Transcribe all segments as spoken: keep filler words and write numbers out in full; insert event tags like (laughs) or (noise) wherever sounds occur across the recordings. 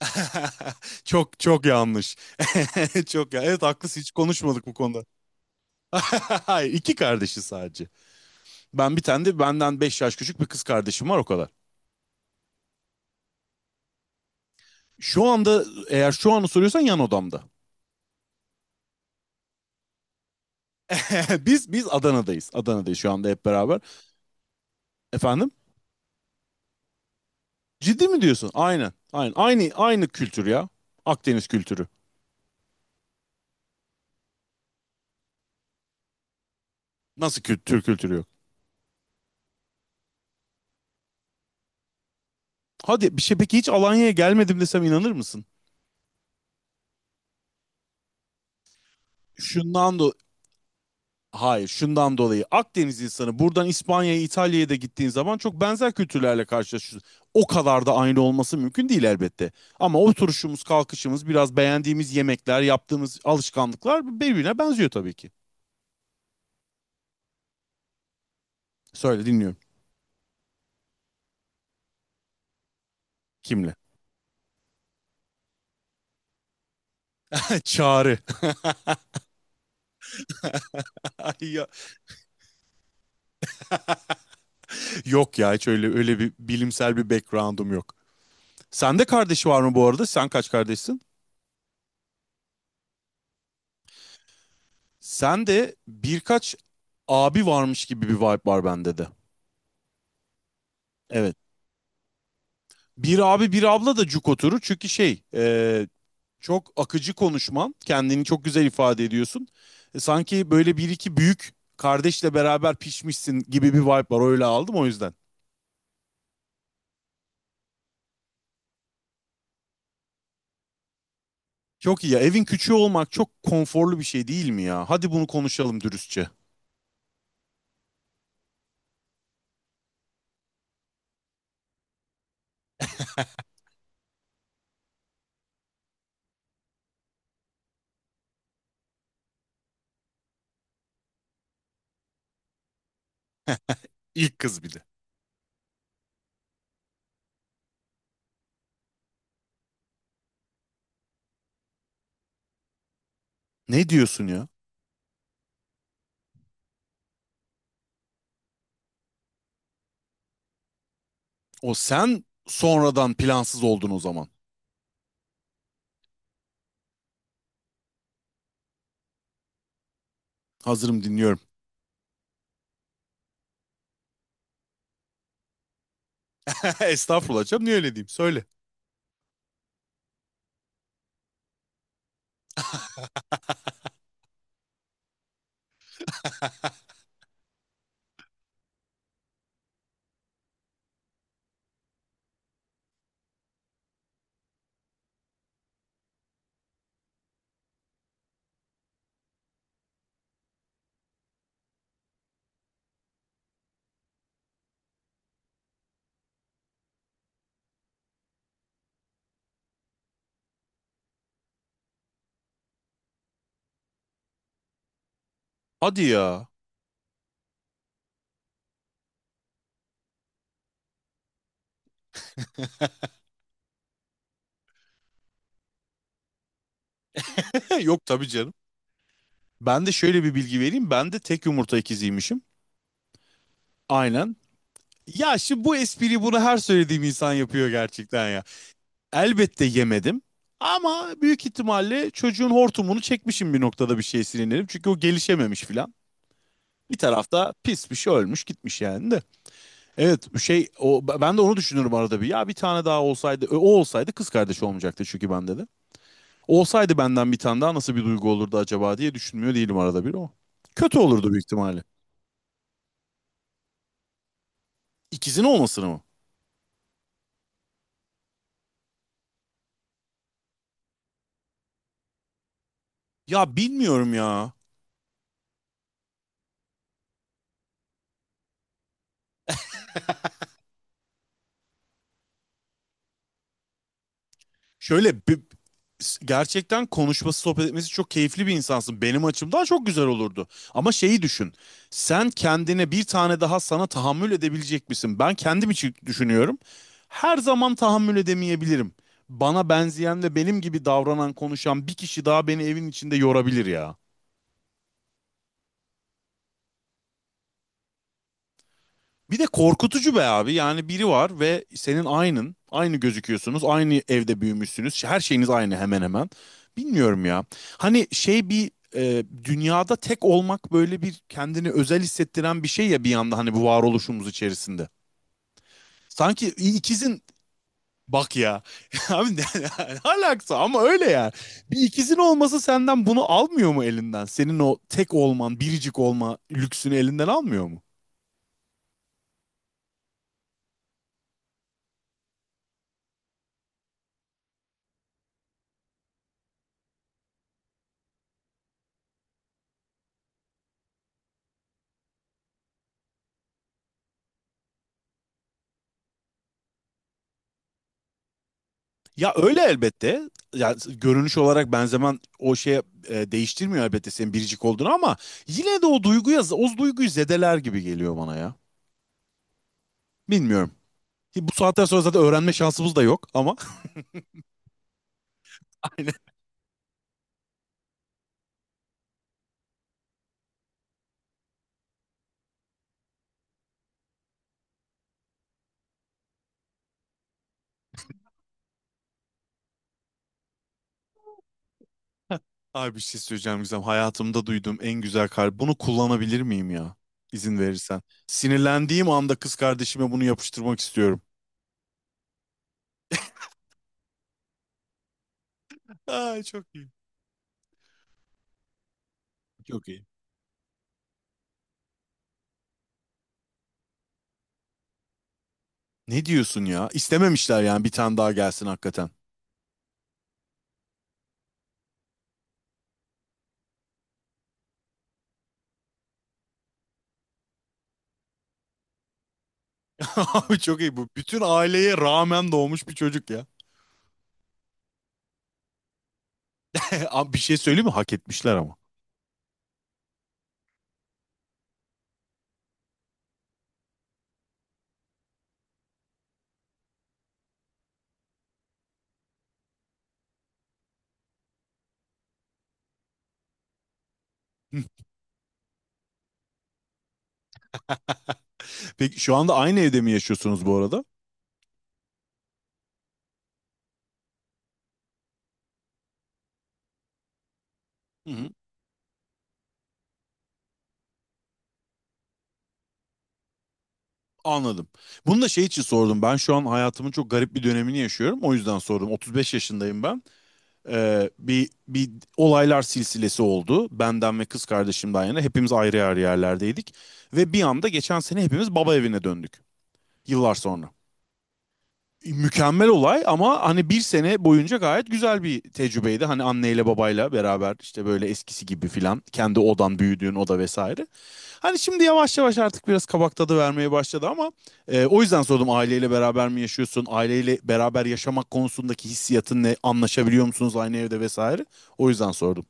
(laughs) Çok çok yanlış. (laughs) Çok ya. Evet, haklısın, hiç konuşmadık bu konuda. (laughs) Hayır, iki kardeşi sadece. Ben bir tane de benden beş yaş küçük bir kız kardeşim var, o kadar. Şu anda, eğer şu anı soruyorsan, yan odamda. (laughs) Biz biz Adana'dayız. Adana'dayız şu anda hep beraber. Efendim? Ciddi mi diyorsun? Aynen. Aynen. Aynı aynı kültür ya. Akdeniz kültürü. Nasıl kült Türk kültürü yok? Hadi bir şey, peki hiç Alanya'ya gelmedim desem inanır mısın? Şundan da Hayır, şundan dolayı Akdeniz insanı buradan İspanya'ya, İtalya'ya da gittiğin zaman çok benzer kültürlerle karşılaşıyorsun. O kadar da aynı olması mümkün değil elbette. Ama oturuşumuz, kalkışımız, biraz beğendiğimiz yemekler, yaptığımız alışkanlıklar birbirine benziyor tabii ki. Söyle, dinliyorum. Kimle? (laughs) Çağrı. (laughs) Ay ya, yok ya, hiç öyle öyle bir bilimsel bir background'um yok. Sende kardeş var mı bu arada? Sen kaç kardeşsin? Sende birkaç abi varmış gibi bir vibe var bende de. Evet. Bir abi bir abla da cuk oturur. Çünkü şey e, çok akıcı konuşman. Kendini çok güzel ifade ediyorsun. E, sanki böyle bir iki büyük kardeşle beraber pişmişsin gibi bir vibe var. Öyle aldım o yüzden. Çok iyi ya. Evin küçüğü olmak çok konforlu bir şey değil mi ya? Hadi bunu konuşalım dürüstçe. İlk kız bir de. Ne diyorsun ya? O sen sonradan plansız oldun o zaman. Hazırım, dinliyorum. (laughs) Estağfurullah canım, niye öyle diyeyim, söyle. Hadi ya. (laughs) Yok tabii canım. Ben de şöyle bir bilgi vereyim. Ben de tek yumurta ikiziymişim. Aynen. Ya şimdi bu espriyi, bunu her söylediğim insan yapıyor gerçekten ya. Elbette yemedim. Ama büyük ihtimalle çocuğun hortumunu çekmişim bir noktada, bir şey sinirlenip. Çünkü o gelişememiş filan. Bir tarafta pis bir şey ölmüş gitmiş yani de. Evet şey, o, ben de onu düşünürüm arada bir. Ya bir tane daha olsaydı, o olsaydı kız kardeş olmayacaktı çünkü bende de. Olsaydı, benden bir tane daha, nasıl bir duygu olurdu acaba diye düşünmüyor değilim arada bir o. Kötü olurdu büyük ihtimalle. İkizin olmasını mı? Ya bilmiyorum ya. Şöyle bi- Gerçekten konuşması, sohbet etmesi çok keyifli bir insansın. Benim açımdan çok güzel olurdu. Ama şeyi düşün. Sen, kendine bir tane daha, sana tahammül edebilecek misin? Ben kendim için düşünüyorum. Her zaman tahammül edemeyebilirim. Bana benzeyen ve benim gibi davranan, konuşan bir kişi daha beni evin içinde yorabilir ya. Bir de korkutucu be abi. Yani biri var ve senin aynın. Aynı gözüküyorsunuz. Aynı evde büyümüşsünüz. Her şeyiniz aynı hemen hemen. Bilmiyorum ya. Hani şey bir e, dünyada tek olmak böyle bir kendini özel hissettiren bir şey ya bir yanda, hani, bu varoluşumuz içerisinde. Sanki ikizin bak ya. (laughs) Abi ne ne alakası ama öyle ya. Bir ikizin olması senden bunu almıyor mu elinden? Senin o tek olman, biricik olma lüksünü elinden almıyor mu? Ya öyle elbette. Ya görünüş olarak benzemen o şeye e, değiştirmiyor elbette senin biricik olduğunu, ama yine de o duyguya o duyguyu zedeler gibi geliyor bana ya. Bilmiyorum. Ki bu saatten sonra zaten öğrenme şansımız da yok ama. (laughs) Aynen. Abi bir şey söyleyeceğim Gizem. Hayatımda duyduğum en güzel kar. Bunu kullanabilir miyim ya? İzin verirsen. Sinirlendiğim anda kız kardeşime bunu yapıştırmak istiyorum. Ay çok iyi. Çok iyi. Ne diyorsun ya? İstememişler yani bir tane daha gelsin hakikaten. (laughs) Abi çok iyi bu. Bütün aileye rağmen doğmuş bir çocuk ya. (laughs) Abi bir şey söyleyeyim mi? Hak etmişler ama. (laughs) Peki şu anda aynı evde mi yaşıyorsunuz bu arada? Hı hı. Anladım. Bunu da şey için sordum. Ben şu an hayatımın çok garip bir dönemini yaşıyorum. O yüzden sordum. otuz beş yaşındayım ben. Ee, bir, bir olaylar silsilesi oldu. Benden ve kız kardeşimden yana hepimiz ayrı ayrı yerlerdeydik. Ve bir anda geçen sene hepimiz baba evine döndük. Yıllar sonra. Mükemmel olay ama hani bir sene boyunca gayet güzel bir tecrübeydi. Hani anneyle babayla beraber işte böyle eskisi gibi filan, kendi odan, büyüdüğün oda vesaire. Hani şimdi yavaş yavaş artık biraz kabak tadı vermeye başladı ama e, o yüzden sordum, aileyle beraber mi yaşıyorsun? Aileyle beraber yaşamak konusundaki hissiyatın ne? Anlaşabiliyor musunuz aynı evde vesaire? O yüzden sordum.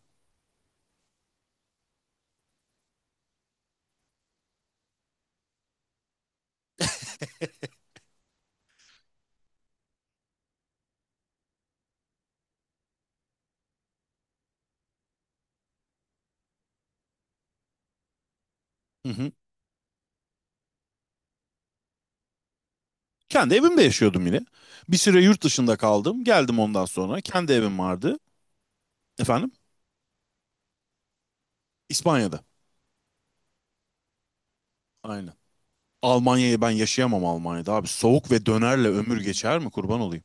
Hı hı. Kendi evimde yaşıyordum yine. Bir süre yurt dışında kaldım. Geldim ondan sonra. Kendi evim vardı. Efendim? İspanya'da. Aynen. Almanya'yı ben yaşayamam, Almanya'da abi. Soğuk ve dönerle ömür geçer mi, kurban olayım?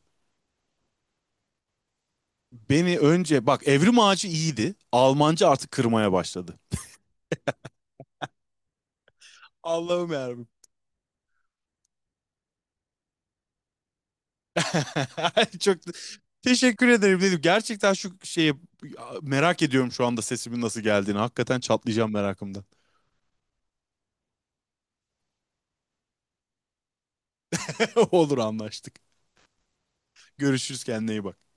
Beni önce bak Evrim Ağacı iyiydi. Almanca artık kırmaya başladı. Allah'ım yarabbim. (laughs) Çok teşekkür ederim dedim. Gerçekten şu şeyi merak ediyorum şu anda, sesimin nasıl geldiğini. Hakikaten çatlayacağım merakımdan. (laughs) Olur, anlaştık. Görüşürüz, kendine iyi bak.